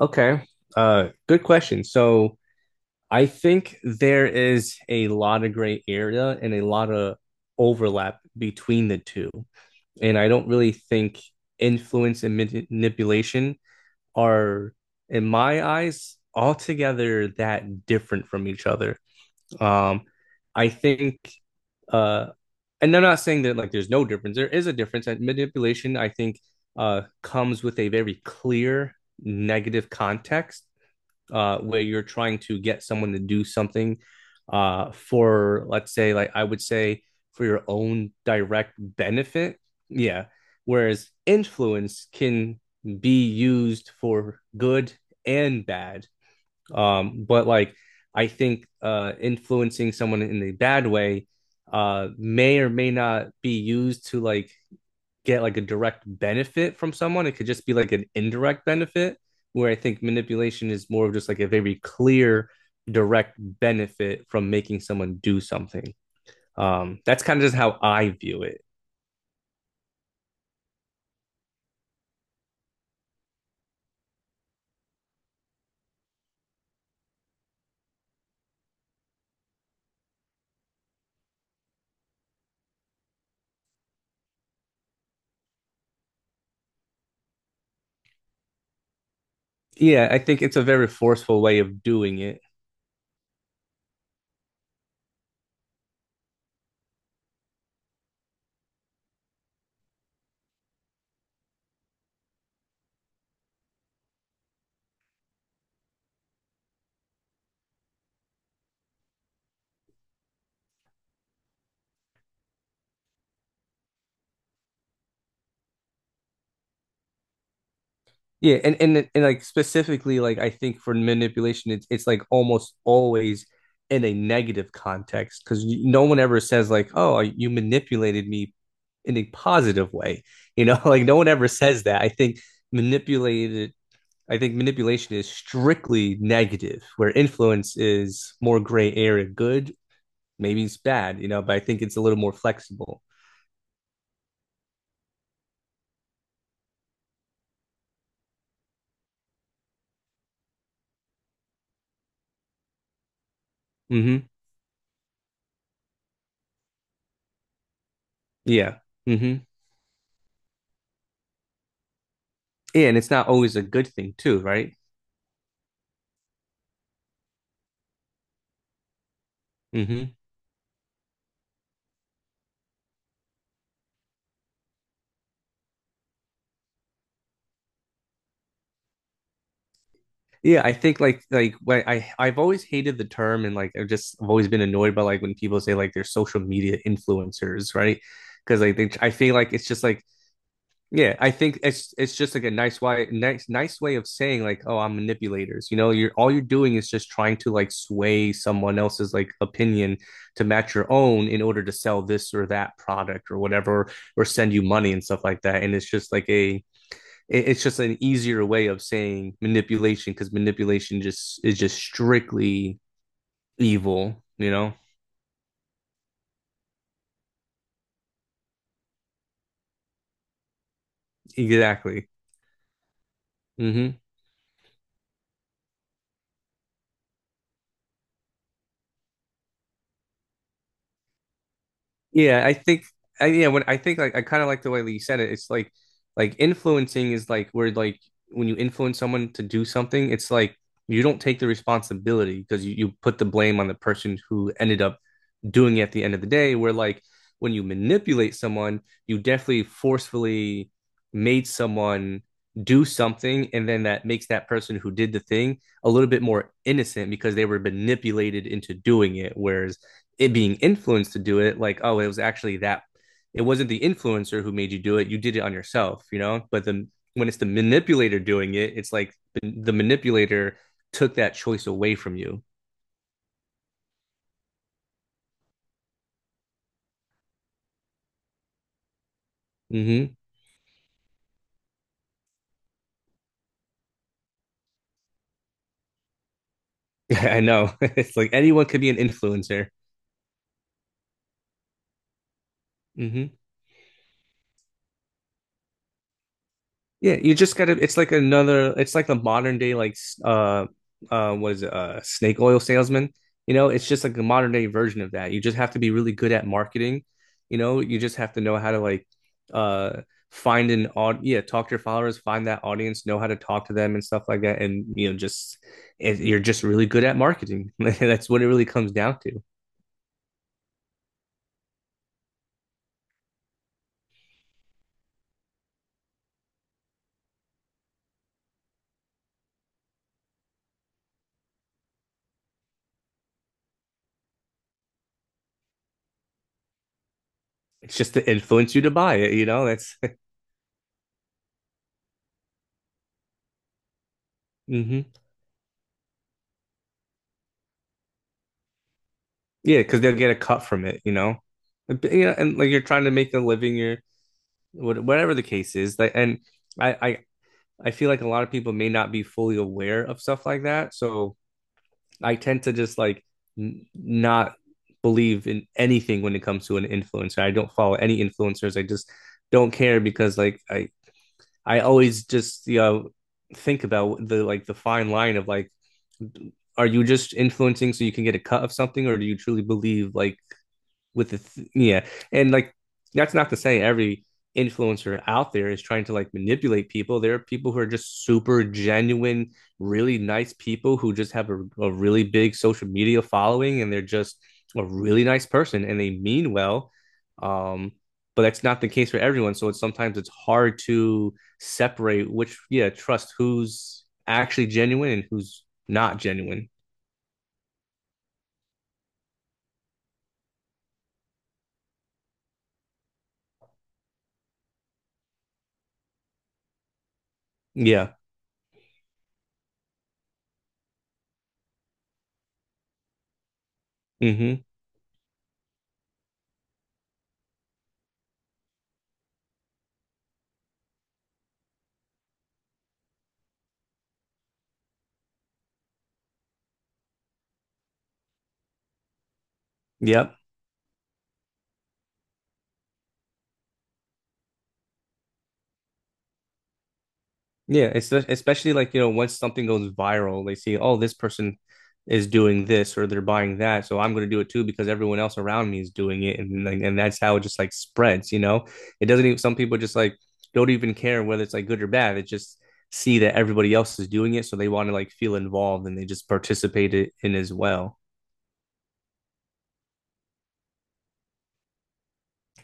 Okay. Good question. So I think there is a lot of gray area and a lot of overlap between the two. And I don't really think influence and manipulation are, in my eyes, altogether that different from each other. Um, I think, uh, and I'm not saying that like there's no difference. There is a difference. And manipulation, I think, comes with a very clear negative context where you're trying to get someone to do something for, let's say, like I would say, for your own direct benefit. Yeah. Whereas influence can be used for good and bad. But like, I think influencing someone in a bad way may or may not be used to like get like a direct benefit from someone. It could just be like an indirect benefit, where I think manipulation is more of just like a very clear, direct benefit from making someone do something. That's kind of just how I view it. Yeah, I think it's a very forceful way of doing it. Yeah, and like specifically, like I think for manipulation, it's like almost always in a negative context because no one ever says like, "Oh, you manipulated me," in a positive way. You know, like no one ever says that. I think manipulated. I think manipulation is strictly negative, where influence is more gray area. Good, maybe it's bad. You know, but I think it's a little more flexible. Hmm. Yeah. Hmm. Yeah, and it's not always a good thing too, right? Hmm. Yeah, I think like when I've always hated the term and like I've just I've always been annoyed by like when people say like they're social media influencers, right? Because like they, I feel like it's just like yeah, I think it's just like a nice way nice way of saying like, oh, I'm manipulators, you know, you're all you're doing is just trying to like sway someone else's like opinion to match your own in order to sell this or that product or whatever or send you money and stuff like that, and it's just like a it's just an easier way of saying manipulation because manipulation just is just strictly evil. You know exactly. Mm-hmm. Yeah, I think I yeah, when I think like I kind of like the way that you said it. It's like influencing is like where like when you influence someone to do something, it's like you don't take the responsibility because you put the blame on the person who ended up doing it at the end of the day. Where like when you manipulate someone, you definitely forcefully made someone do something, and then that makes that person who did the thing a little bit more innocent because they were manipulated into doing it. Whereas it being influenced to do it like, oh, it was actually that it wasn't the influencer who made you do it, you did it on yourself, you know, but the when it's the manipulator doing it it's like the manipulator took that choice away from you. Mm-hmm. I know. It's like anyone could be an influencer. Mm-hmm. Yeah, you just gotta. It's like another. It's like the modern day, like uh, was snake oil salesman. You know, it's just like the modern day version of that. You just have to be really good at marketing. You know, you just have to know how to like, uh, find an odd. Yeah, talk to your followers, find that audience, know how to talk to them and stuff like that. And you know, just it, you're just really good at marketing. That's what it really comes down to. It's just to influence you to buy it. You know, that's. Hmm. Yeah, because they'll get a cut from it, you know. And, you know, and like you're trying to make a living, you're whatever the case is. Like, and I, I, I feel like a lot of people may not be fully aware of stuff like that. So I tend to just like not believe in anything when it comes to an influencer. I don't follow any influencers. I just don't care because like I always just you know think about the like the fine line of like, are you just influencing so you can get a cut of something, or do you truly believe like with the yeah, and like that's not to say every influencer out there is trying to like manipulate people. There are people who are just super genuine, really nice people who just have a really big social media following and they're just a really nice person and they mean well. Um, but that's not the case for everyone. So it's sometimes it's hard to separate which, yeah, trust who's actually genuine and who's not genuine. Yeah. Mm-hmm. Yep. Yeah, it's especially like, you know, once something goes viral, they see, oh, this person is doing this or they're buying that, so I'm going to do it too because everyone else around me is doing it, and like, and that's how it just like spreads, you know. It doesn't even some people just like don't even care whether it's like good or bad. It just see that everybody else is doing it, so they want to like feel involved and they just participate it in as well.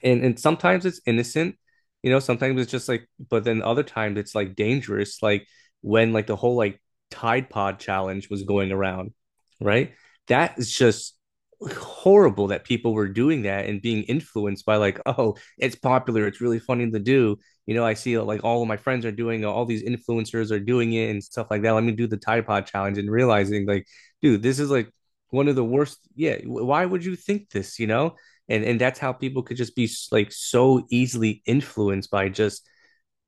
And sometimes it's innocent, you know, sometimes it's just like, but then other times it's like dangerous, like when like the whole like Tide Pod challenge was going around, right? That is just horrible that people were doing that and being influenced by like, oh, it's popular, it's really funny to do, you know, I see like all of my friends are doing all these influencers are doing it and stuff like that, let me do the Tide Pod challenge, and realizing like, dude, this is like one of the worst, yeah, why would you think this, you know, and that's how people could just be like so easily influenced by just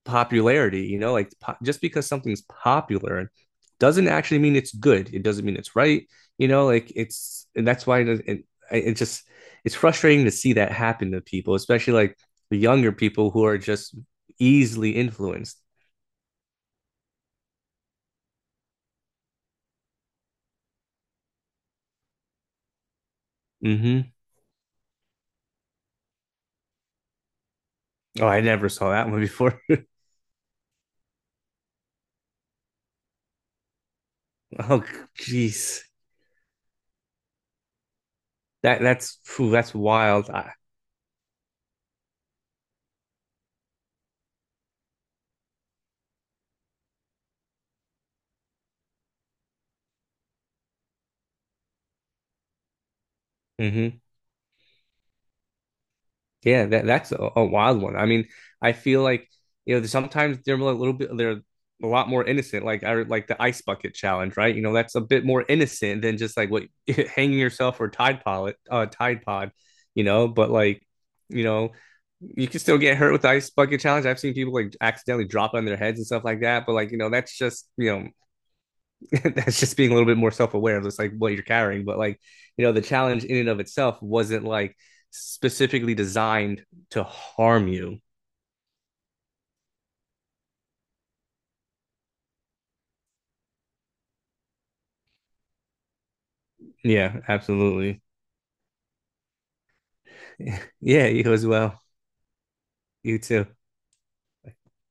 popularity, you know, like just because something's popular doesn't actually mean it's good, it doesn't mean it's right, you know like it's and that's why it just it's frustrating to see that happen to people especially like the younger people who are just easily influenced. Mm-hmm. Oh, I never saw that one before. Oh, geez, that's phew, that's wild. I, mm-hmm. Yeah, that's a wild one. I mean, I feel like you know sometimes they're a little bit they're a lot more innocent. Like I like the ice bucket challenge, right? You know, that's a bit more innocent than just like what hanging yourself or Tide Pod, Tide Pod, you know. But like, you know, you can still get hurt with the ice bucket challenge. I've seen people like accidentally drop on their heads and stuff like that. But like, you know, that's just you know that's just being a little bit more self-aware of just like what you're carrying but like you know the challenge in and of itself wasn't like specifically designed to harm you. Yeah, absolutely. Yeah, you as well. You too.